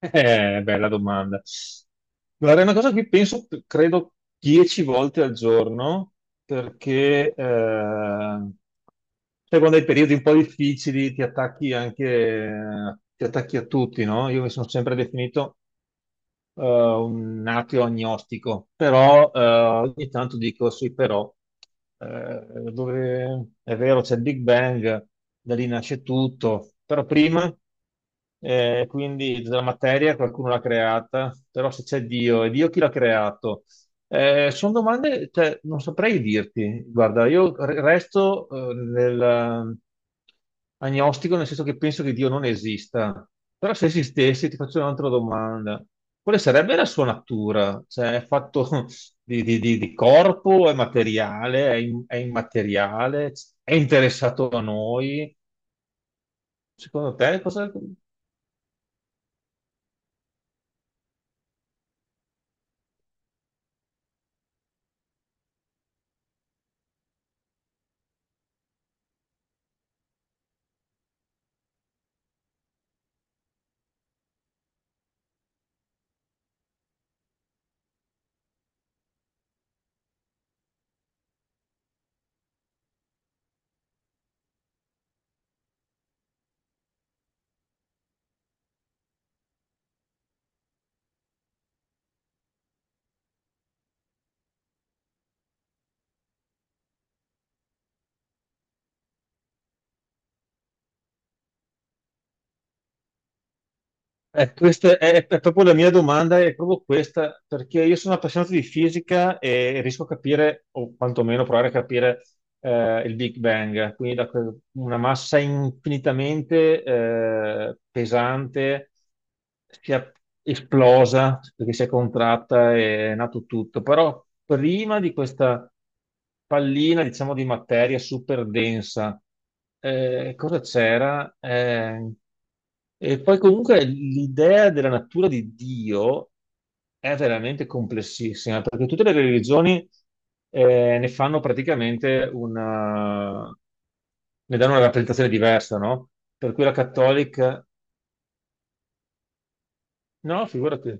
Bella domanda. Guarda, è una cosa a cui penso, credo, 10 volte al giorno, perché sai, quando hai periodi un po' difficili ti attacchi ti attacchi a tutti, no? Io mi sono sempre definito un ateo agnostico, però ogni tanto dico sì, però è vero, c'è il Big Bang, da lì nasce tutto, però prima, quindi la materia qualcuno l'ha creata, però se c'è Dio, e Dio chi l'ha creato? Sono domande, cioè, non saprei dirti. Guarda, io resto nel agnostico, nel senso che penso che Dio non esista. Però se esistesse, ti faccio un'altra domanda. Quale sarebbe la sua natura? Cioè, è fatto di corpo, è materiale, è immateriale, è interessato a noi? Secondo te, cosa, questa è proprio la mia domanda, è proprio questa, perché io sono appassionato di fisica e riesco a capire, o quantomeno provare a capire il Big Bang, quindi da una massa infinitamente pesante si è esplosa perché si è contratta e è nato tutto. Però prima di questa pallina, diciamo, di materia super densa, cosa c'era? E poi comunque l'idea della natura di Dio è veramente complessissima, perché tutte le religioni ne fanno praticamente una... ne danno una rappresentazione diversa, no? Per cui la cattolica... No, figurati,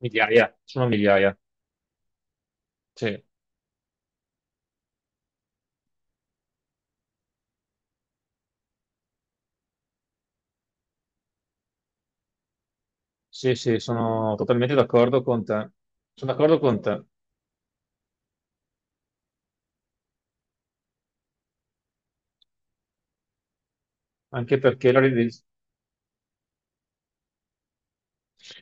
migliaia, sono migliaia. Sì, sì, sì, sono totalmente d'accordo con te. Sono d'accordo con te, anche perché la religione...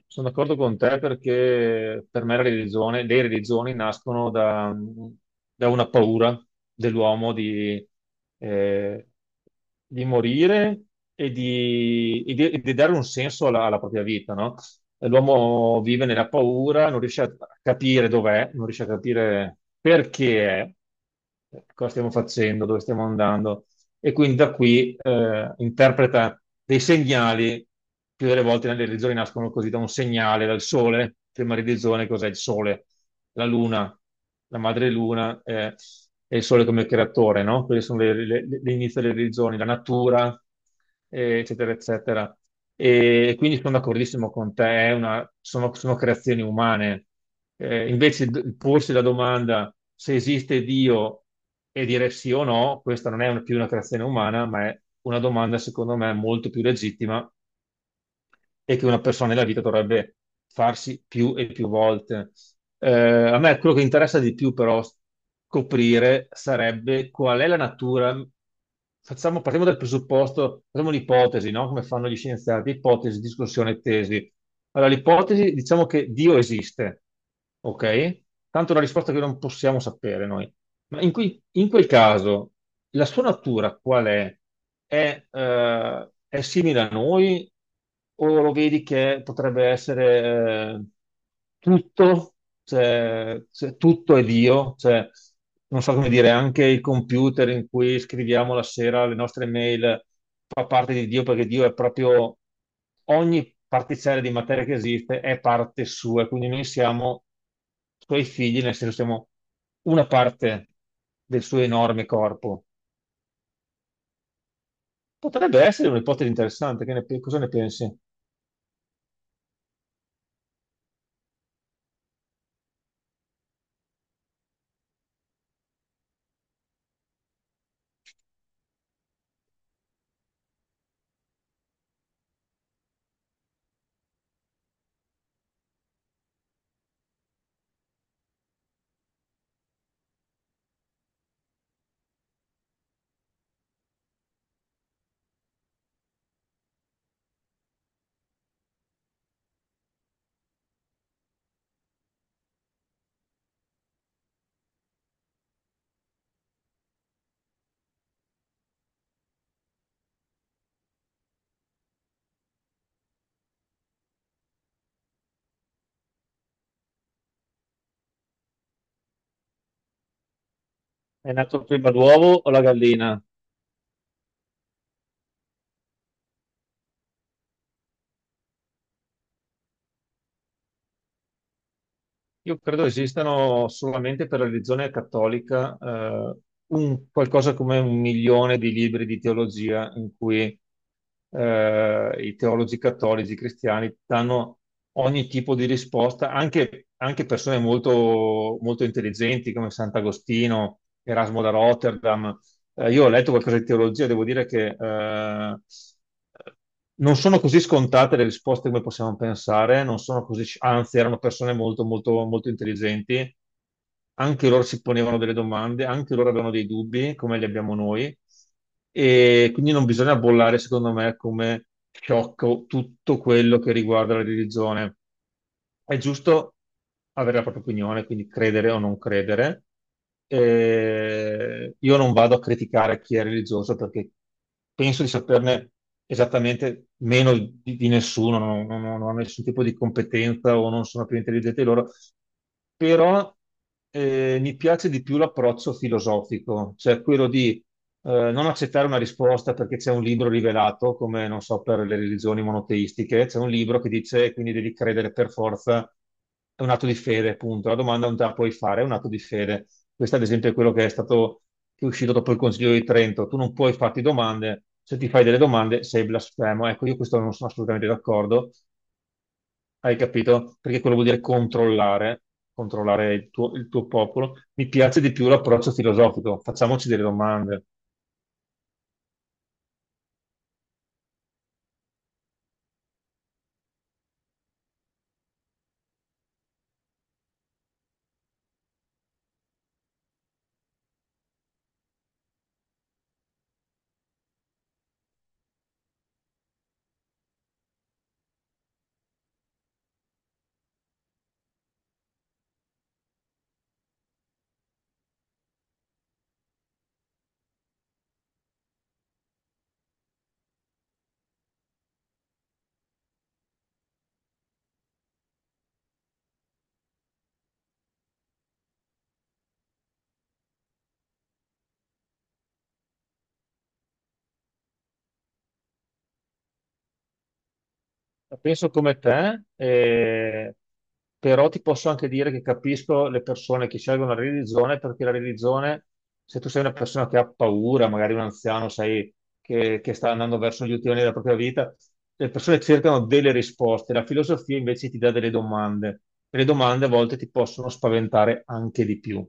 Sono d'accordo con te perché per me la religione, le religioni nascono da, da una paura dell'uomo eh, di morire e e di dare un senso alla, alla propria vita, no? E l'uomo vive nella paura, non riesce a capire dov'è, non riesce a capire perché è, cosa stiamo facendo, dove stiamo andando, e quindi da qui interpreta dei segnali, più delle volte le religioni nascono così da un segnale, dal sole, prima religione, cos'è? Il sole, la luna, la madre luna, e il sole come creatore, no? Quelle sono le inizio delle religioni, la natura, eccetera, eccetera. E quindi sono d'accordissimo con te, sono, sono creazioni umane. Invece porsi la domanda se esiste Dio e dire sì o no, questa non è più una creazione umana, ma è una domanda, secondo me, molto più legittima, e che una persona nella vita dovrebbe farsi più e più volte. A me quello che interessa di più però scoprire sarebbe qual è la natura. Facciamo, partiamo dal presupposto, facciamo un'ipotesi, no? Come fanno gli scienziati: ipotesi, discussione, tesi. Allora, l'ipotesi: diciamo che Dio esiste, ok? Tanto è una risposta che non possiamo sapere noi. In quel caso, la sua natura qual è? È simile a noi o lo vedi che potrebbe essere... tutto, cioè, cioè, tutto è Dio, cioè, non so come dire, anche il computer in cui scriviamo la sera le nostre mail fa parte di Dio, perché Dio è proprio ogni particella di materia che esiste è parte sua, e quindi noi siamo suoi figli, nel senso siamo una parte del suo enorme corpo. Potrebbe essere un'ipotesi interessante, cosa ne pensi? È nato prima l'uovo o la gallina? Io credo esistano solamente per la religione cattolica, qualcosa come 1 milione di libri di teologia in cui i teologi cattolici cristiani danno ogni tipo di risposta, anche, anche persone molto, molto intelligenti come Sant'Agostino, Erasmo da Rotterdam, io ho letto qualcosa di teologia, e devo dire che non sono così scontate le risposte come possiamo pensare, non sono così, anzi, erano persone molto, molto, molto intelligenti. Anche loro si ponevano delle domande, anche loro avevano dei dubbi, come li abbiamo noi. E quindi non bisogna bollare, secondo me, come sciocco tutto quello che riguarda la religione. È giusto avere la propria opinione, quindi credere o non credere. Io non vado a criticare chi è religioso, perché penso di saperne esattamente meno di nessuno, non ho nessun tipo di competenza o non sono più intelligente di loro, però mi piace di più l'approccio filosofico, cioè quello di non accettare una risposta perché c'è un libro rivelato, come, non so, per le religioni monoteistiche, c'è un libro che dice quindi devi credere per forza, è un atto di fede, punto. La domanda non te la puoi fare, è un atto di fede. Questo, ad esempio, è quello che è stato, che è uscito dopo il Consiglio di Trento. Tu non puoi farti domande, se ti fai delle domande sei blasfemo. Ecco, io questo non sono assolutamente d'accordo, hai capito? Perché quello vuol dire controllare, controllare il tuo popolo. Mi piace di più l'approccio filosofico, facciamoci delle domande. La penso come te, però ti posso anche dire che capisco le persone che scelgono la religione, perché la religione, se tu sei una persona che ha paura, magari un anziano, sai, che sta andando verso gli ultimi anni della propria vita, le persone cercano delle risposte, la filosofia invece ti dà delle domande, e le domande a volte ti possono spaventare anche di più.